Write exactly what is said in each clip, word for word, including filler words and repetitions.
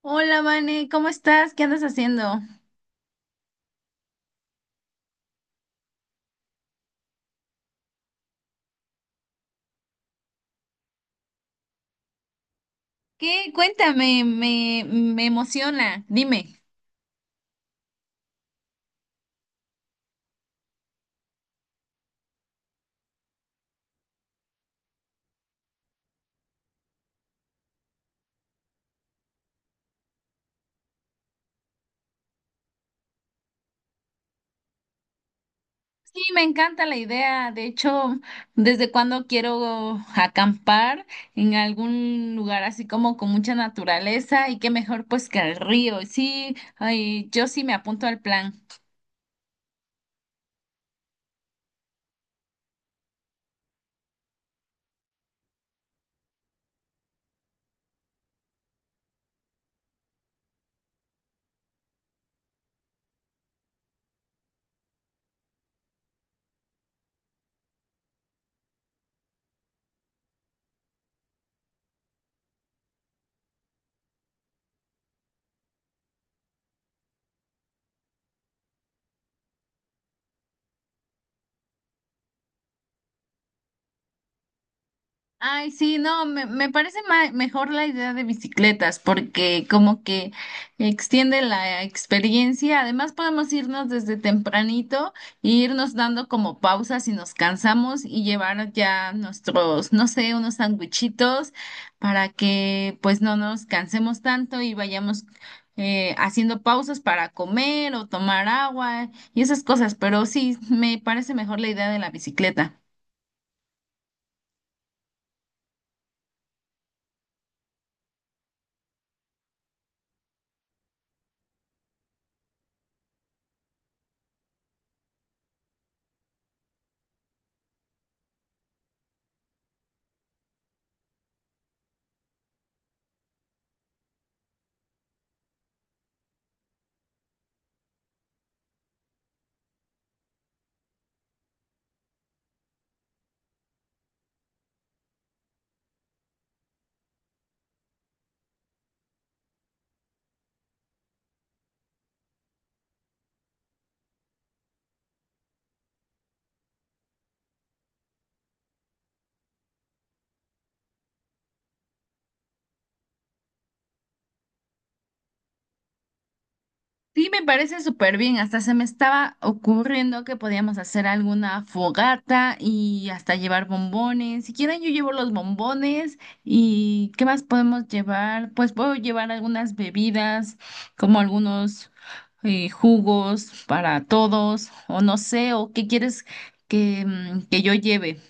Hola, Vane, ¿cómo estás? ¿Qué andas haciendo? ¿Qué? Cuéntame, me, me emociona. Dime. Sí, me encanta la idea. De hecho, desde cuando quiero acampar en algún lugar así como con mucha naturaleza y qué mejor pues que el río. Sí, ay, yo sí me apunto al plan. Ay, sí, no, me, me parece ma- mejor la idea de bicicletas porque como que extiende la experiencia. Además, podemos irnos desde tempranito e irnos dando como pausas si nos cansamos y llevar ya nuestros, no sé, unos sanguichitos para que pues no nos cansemos tanto y vayamos eh, haciendo pausas para comer o tomar agua y esas cosas. Pero sí, me parece mejor la idea de la bicicleta. Sí, me parece súper bien. Hasta se me estaba ocurriendo que podíamos hacer alguna fogata y hasta llevar bombones. Si quieren, yo llevo los bombones. ¿Y qué más podemos llevar? Pues puedo llevar algunas bebidas, como algunos eh, jugos para todos, o no sé, o qué quieres que, mm, que yo lleve.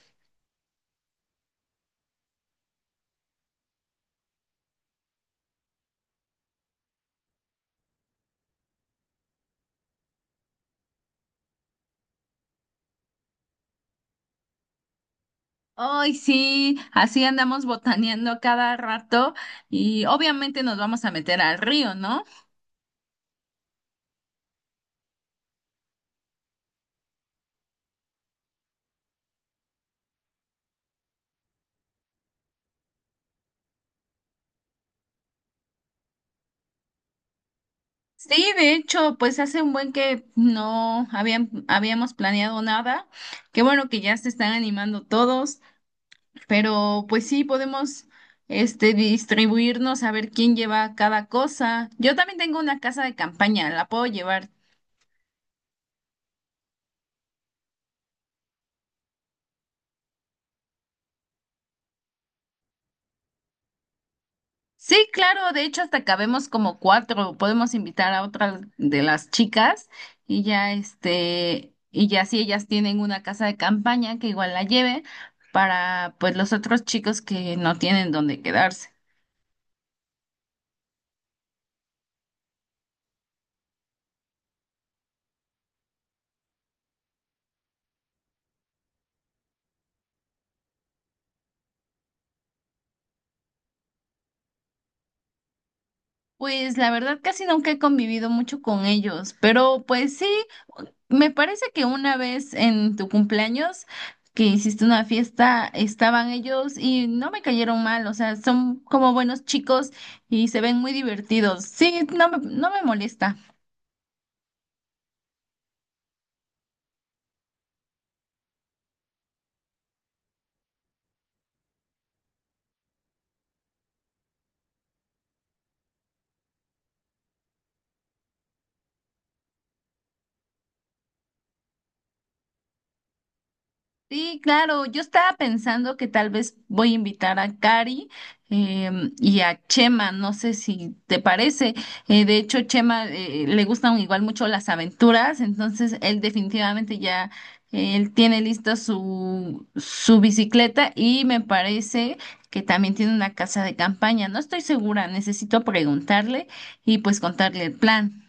Ay, sí, así andamos botaneando cada rato y obviamente nos vamos a meter al río, ¿no? Sí, de hecho, pues hace un buen que no habían, habíamos planeado nada. Qué bueno que ya se están animando todos, pero pues sí, podemos este, distribuirnos a ver quién lleva cada cosa. Yo también tengo una casa de campaña, la puedo llevar. Sí, claro, de hecho hasta cabemos como cuatro, podemos invitar a otras de las chicas y ya este, y ya si ellas tienen una casa de campaña que igual la lleve para pues los otros chicos que no tienen dónde quedarse. Pues la verdad casi nunca he convivido mucho con ellos, pero pues sí, me parece que una vez en tu cumpleaños que hiciste una fiesta, estaban ellos y no me cayeron mal, o sea, son como buenos chicos y se ven muy divertidos. Sí, no me, no me molesta. Sí, claro, yo estaba pensando que tal vez voy a invitar a Cari em, y a Chema, no sé si te parece. Eh, de hecho, Chema eh, le gustan igual mucho las aventuras, entonces él definitivamente ya eh, él tiene lista su, su bicicleta y me parece que también tiene una casa de campaña. No estoy segura, necesito preguntarle y pues contarle el plan.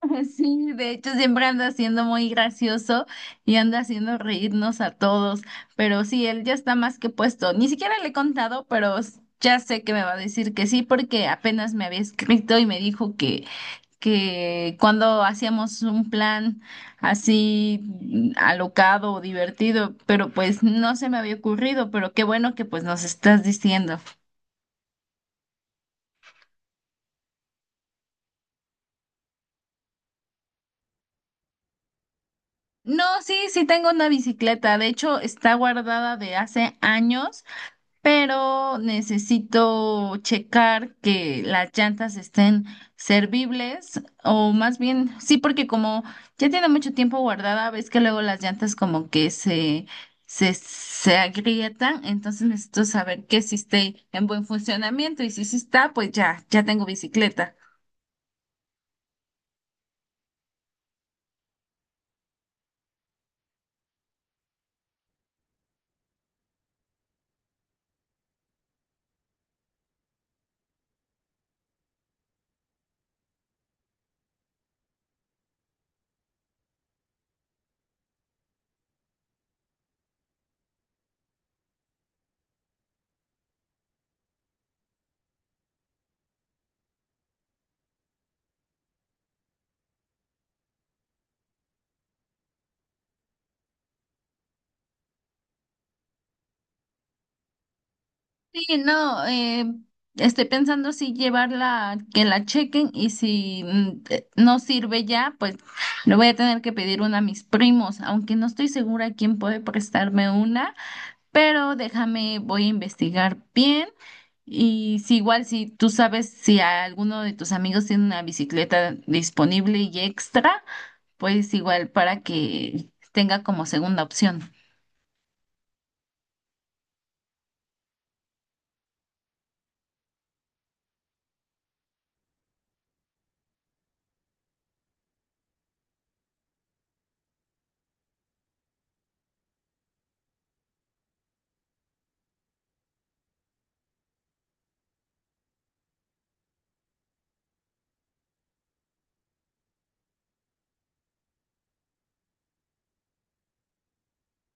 Sí, de hecho siempre anda siendo muy gracioso y anda haciendo reírnos a todos, pero sí, él ya está más que puesto. Ni siquiera le he contado, pero s- ya sé que me va a decir que sí, porque apenas me había escrito y me dijo que, que cuando hacíamos un plan así mm, alocado o divertido, pero pues no se me había ocurrido, pero qué bueno que pues nos estás diciendo. No, sí, sí tengo una bicicleta, de hecho está guardada de hace años. Pero necesito checar que las llantas estén servibles o más bien, sí, porque como ya tiene mucho tiempo guardada, ves que luego las llantas como que se, se, se agrietan, entonces necesito saber que sí esté en buen funcionamiento y si sí está, pues ya, ya tengo bicicleta. Sí, no, eh, estoy pensando si llevarla, que la chequen y si mm, eh, no sirve ya, pues le voy a tener que pedir una a mis primos, aunque no estoy segura quién puede prestarme una, pero déjame, voy a investigar bien y si igual si tú sabes si alguno de tus amigos tiene una bicicleta disponible y extra, pues igual para que tenga como segunda opción.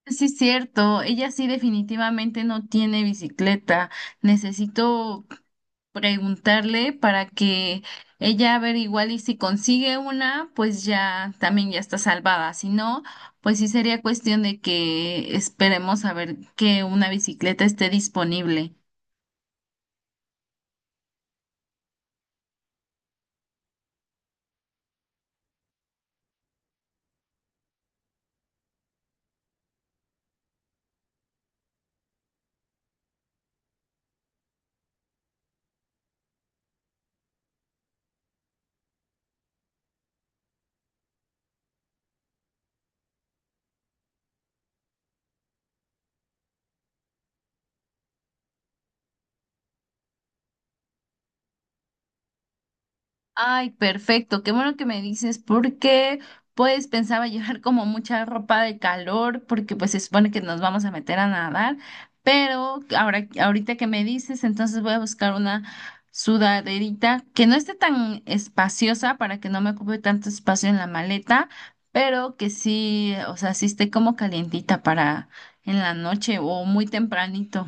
Sí, es cierto, ella sí definitivamente no tiene bicicleta. Necesito preguntarle para que ella a ver igual y si consigue una, pues ya también ya está salvada. Si no, pues sí sería cuestión de que esperemos a ver que una bicicleta esté disponible. Ay, perfecto, qué bueno que me dices, porque pues pensaba llevar como mucha ropa de calor, porque pues se supone que nos vamos a meter a nadar, pero ahora, ahorita que me dices, entonces voy a buscar una sudaderita que no esté tan espaciosa para que no me ocupe tanto espacio en la maleta, pero que sí, o sea, sí esté como calientita para en la noche o muy tempranito.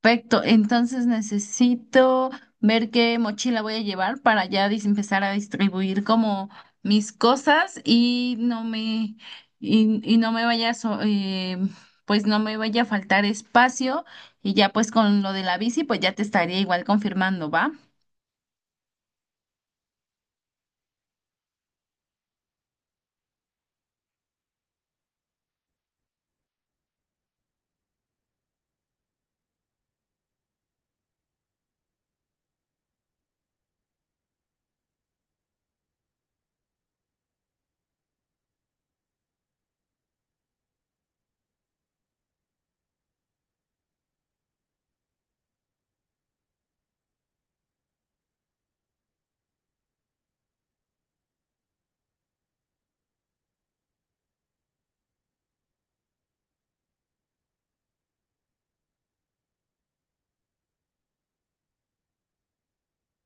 Perfecto, entonces necesito ver qué mochila voy a llevar para ya dis- empezar a distribuir como mis cosas y no me y, y no me vaya a so- eh, pues no me vaya a faltar espacio y ya pues con lo de la bici pues ya te estaría igual confirmando, ¿va?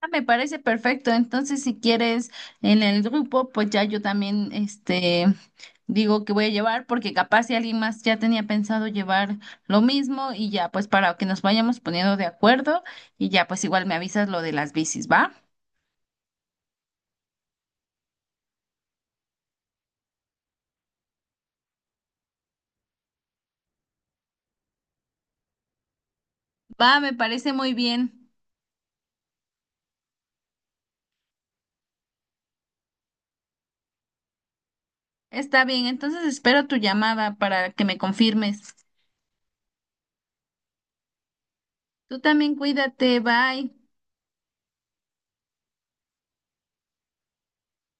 Ah, me parece perfecto. Entonces, si quieres en el grupo, pues ya yo también, este, digo que voy a llevar, porque capaz si alguien más ya tenía pensado llevar lo mismo y ya, pues para que nos vayamos poniendo de acuerdo y ya, pues igual me avisas lo de las bicis, ¿va? Va, me parece muy bien. Está bien, entonces espero tu llamada para que me confirmes. Tú también cuídate, bye.